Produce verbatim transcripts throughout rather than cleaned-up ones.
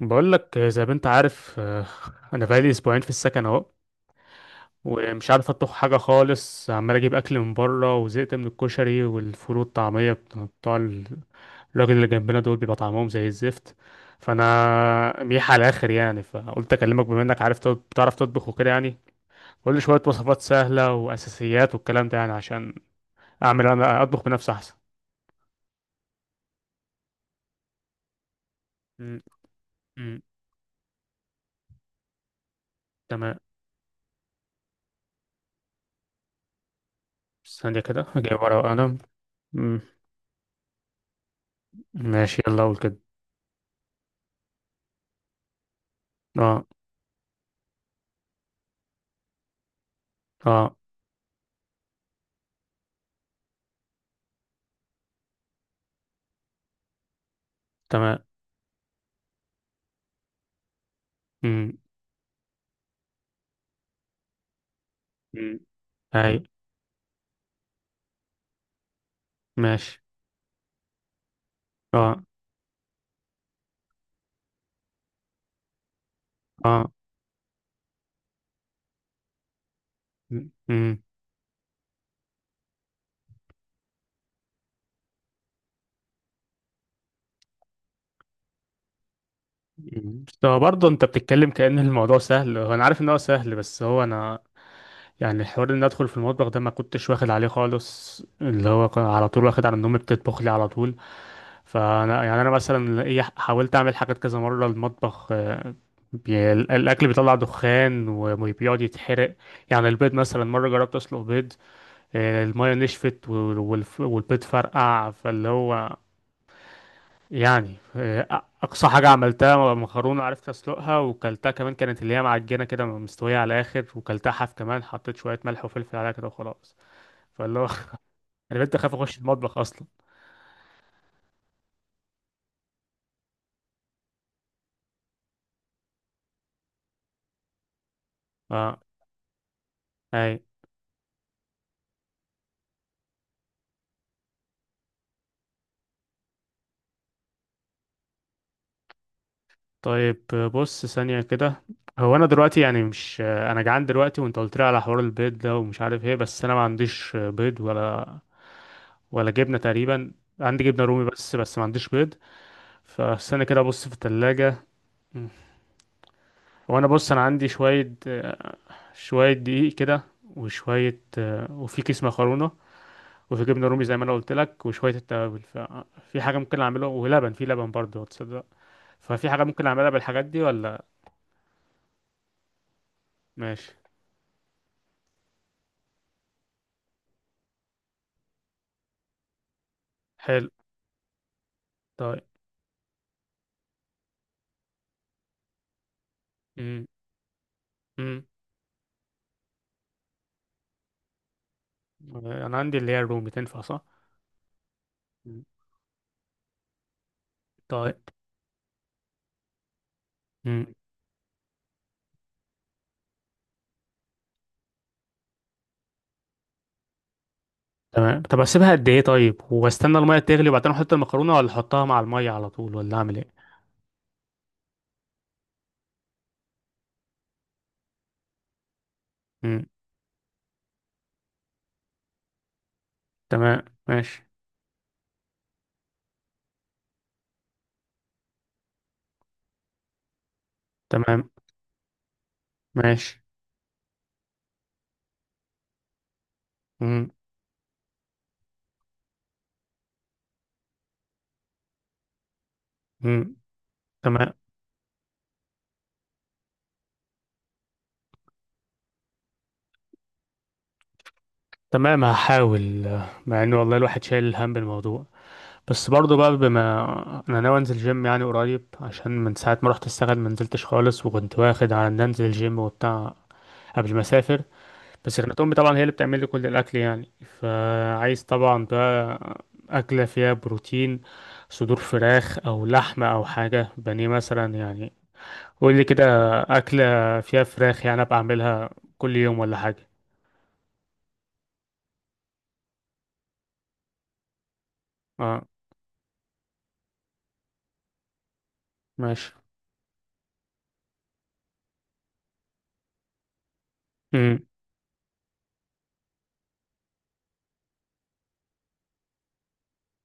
بقول لك زي ما انت عارف آه، انا بقالي اسبوعين في السكن اهو. ومش عارف اطبخ حاجه خالص، عمال اجيب اكل من بره وزهقت من الكشري والفول والطعميه بتاع بتوع ال- الراجل اللي جنبنا دول، بيبقى طعمهم زي الزفت. فانا ميح على الاخر يعني، فقلت اكلمك بما انك عارف تط- بتعرف تطبخ وكده يعني. قول لي شويه وصفات سهله واساسيات والكلام ده يعني، عشان اعمل انا اطبخ بنفسي احسن. م- م- تمام، ثانيه كده جايب ورقه وقلم. م- ماشي، يلا اقول كده. اه، اه، تمام. امم. امم. اي. ماشي. اه، اه. امم. هو برضه انت بتتكلم كأن الموضوع سهل، هو انا عارف ان هو سهل، بس هو انا يعني الحوار ان ادخل في المطبخ ده، ما كنتش واخد عليه خالص، اللي هو كان على طول واخد على ان امي بتطبخ لي على طول. فانا يعني انا مثلا ايه، حاولت اعمل حاجات كذا مرة المطبخ آه، بي- الاكل بيطلع دخان وبيقعد يتحرق. يعني البيض مثلا مرة جربت اسلق بيض، آه، المية نشفت وال- والف- والبيض فرقع فاللي هو. يعني آه، اقصى حاجه عملتها مكرونه، عرفت اسلقها وكلتها كمان. كانت اللي هي معجنه كده مستويه على الاخر، وكلتها حاف كمان، حطيت شويه ملح وفلفل عليها كده وخلاص. فاللي هو انا بنت خاف اخش المطبخ اصلا. اه. اي. طيب آه، بص ثانيه كده. هو انا دلوقتي يعني مش، آه، انا جعان دلوقتي وانت قلت لي على حوار البيض ده، ومش عارف ايه، بس انا ما عنديش آه، بيض ولا ولا جبنه تقريبا. عندي جبنه رومي بس، بس ما عنديش بيض. فاستنى كده ابص في الثلاجه. هو انا بص انا عندي شويه آه، شويه دقيق كده. وشويه آه، وفي كيس مكرونه. وفي جبنه رومي زي ما انا قلت لك، وشويه التوابل. ففي حاجه ممكن اعملها؟ ولبن، في لبن برضه تصدق. ففي حاجه ممكن اعملها بالحاجات دي ولا؟ ماشي. حلو. طيب. امم. امم. انا عندي اللي هي الرومي، تنفع صح؟ مم. طيب. امم. تمام، طب اسيبها قد ايه؟ طيب، واستنى الميه تغلي وبعدين احط المكرونه، ولا احطها مع الميه على طول، ولا اعمل ايه؟ امم. تمام، ماشي. تمام، ماشي. امم. تمام. تمام، هحاول. مع ان والله الواحد شايل الهم بالموضوع، بس برضه بقى بما انا ناوي انزل جيم يعني قريب، عشان من ساعه ما رحت اشتغل ما نزلتش خالص، وكنت واخد على ان انزل الجيم وبتاع قبل ما اسافر. بس كانت امي طبعا هي اللي بتعمل لي كل الاكل يعني. فعايز طبعا بقى اكله فيها بروتين، صدور فراخ او لحمه او حاجه بانيه مثلا يعني. قول لي كده اكله فيها فراخ يعني، ابقى اعملها كل يوم ولا حاجه. اه. ماشي.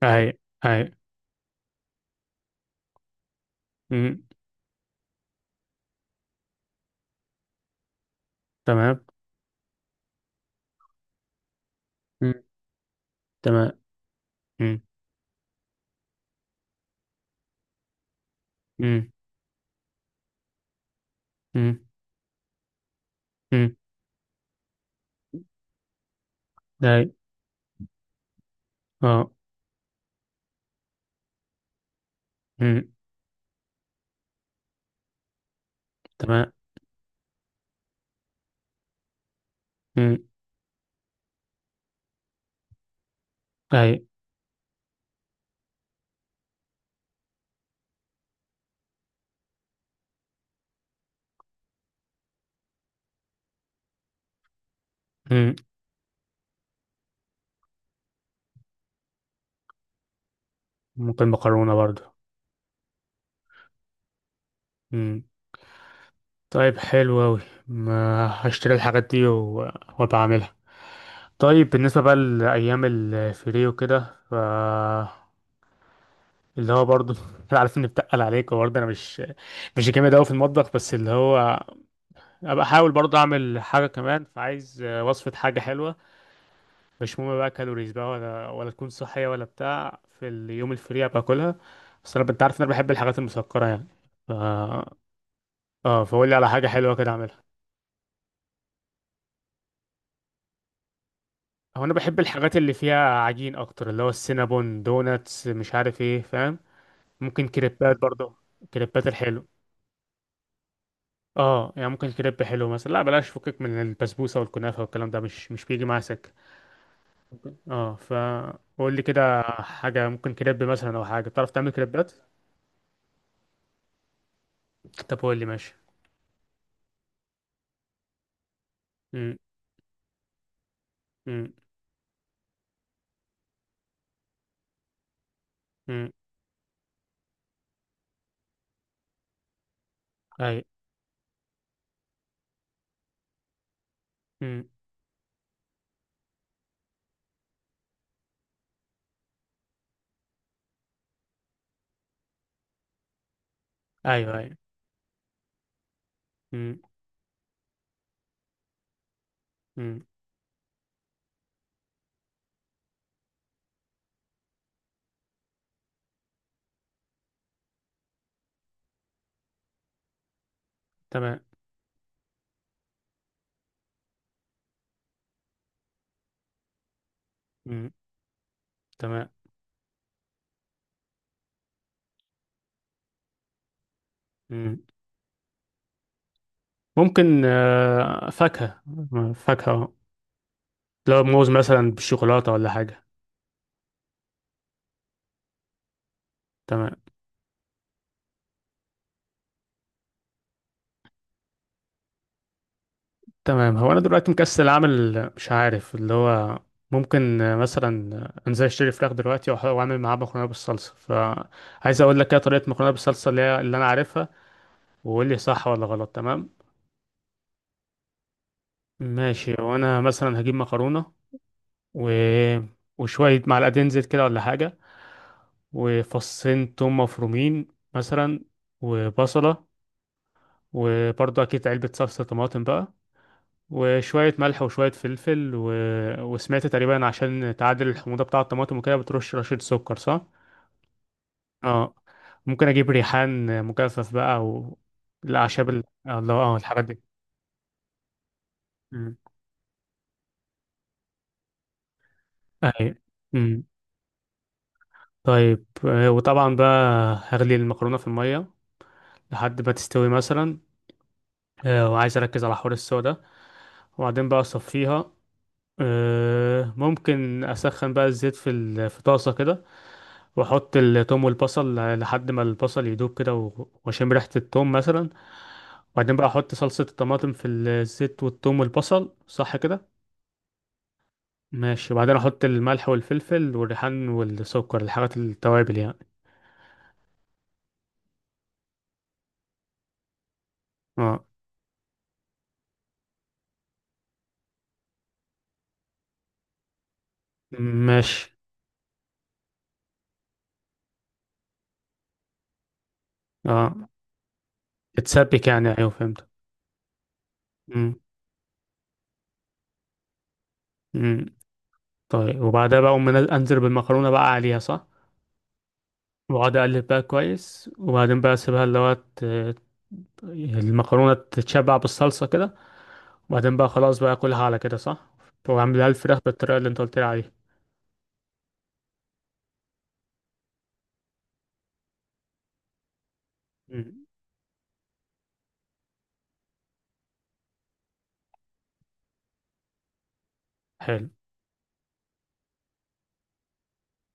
هاي، هاي. مم. تمام. مم. تمام. مم. مم. مم. مم. هاي. اه. مم. تمام. مم. هاي. مم. ممكن مكرونة برضو. مم. طيب حلو أوي، ما هشتري الحاجات دي و- وبعملها. طيب بالنسبة بقى لأيام الفري وكده، ف اللي هو برضو أنا عارف إني بتقل عليك، وبرضه أنا مش مش جامد أوي في المطبخ، بس اللي هو أبقى أحاول برضه أعمل حاجة كمان، فعايز وصفة حاجة حلوة. مش مهم بقى كالوريز بقى ولا ولا تكون صحية ولا بتاع، في اليوم الفري باكلها. بس انا انت عارف ان انا بحب الحاجات المسكرة يعني. ف اه، فقول لي على حاجة حلوة كده اعملها. هو انا بحب الحاجات اللي فيها عجين اكتر، اللي هو السينابون، دوناتس، مش عارف ايه، فاهم؟ ممكن كريبات برضه. كريبات الحلو. اه يعني ممكن كريب حلو مثلا. لا بلاش، فكك من البسبوسة والكنافة والكلام ده، مش مش بيجي معايا سكة. ممكن- اه، فقول لي كده حاجة ممكن كريب مثلا، او حاجة بتعرف تعمل كريبات. طب قول لي ماشي. مم. مم. امم. اي. امم. ايوه، ايوه. امم. امم. تمام. امم. تمام. امم. ممكن آه، فاكهة. فاكهة، لو موز مثلا بالشوكولاتة ولا حاجة. تمام. تمام، هو انا دلوقتي مكسل اعمل، مش عارف اللي هو. ممكن آه، مثلا آه، انزل اشتري فراخ دلوقتي، وأح- واعمل معاه مكرونة بالصلصة. فعايز اقول لك ايه طريقة مكرونة بالصلصة، اللي هي- اللي انا عارفها، وقول لي صح ولا غلط. تمام، ماشي. وانا مثلا هجيب مكرونة، و... وشوية معلقتين زيت كده ولا حاجة، وفصين توم مفرومين مثلا، وبصلة، وبرضه أكيد علبة صلصة طماطم بقى، وشوية ملح وشوية فلفل، و... وسمعت تقريبا عشان تعادل الحموضة بتاع الطماطم وكده، بترش رشة سكر صح؟ اه. ممكن أجيب ريحان مجفف بقى، أو الأعشاب ال... الله اه الحاجات دي. مم. أيوة. مم. طيب آه، وطبعا بقى هغلي المكرونة في المية لحد ما تستوي مثلا. آه، وعايز اركز على حوار السوا ده. وبعدين بقى اصفيها. آه، ممكن اسخن بقى الزيت في ال- في طاسه كده، واحط التوم والبصل لحد ما البصل يدوب كده، و- واشم ريحه التوم مثلا، وبعدين بقى احط صلصه الطماطم في الزيت والتوم والبصل، صح كده؟ ماشي، وبعدين احط الملح والفلفل والريحان والسكر، الحاجات التوابل يعني. اه. ماشي. اه. تتسبك يعني، ايوه فهمت. مم. مم. طيب، وبعدها بقى أقوم منز- انزل بالمكرونه بقى عليها صح. واقعد اقلب بقى كويس، وبعدين بقى اسيبها اللي هو ت- المكرونه تتشبع بالصلصه كده، وبعدين بقى خلاص بقى اكلها على كده صح. واعملها الفراخ بالطريقه اللي انت قلت لي عليها. مم. حلو.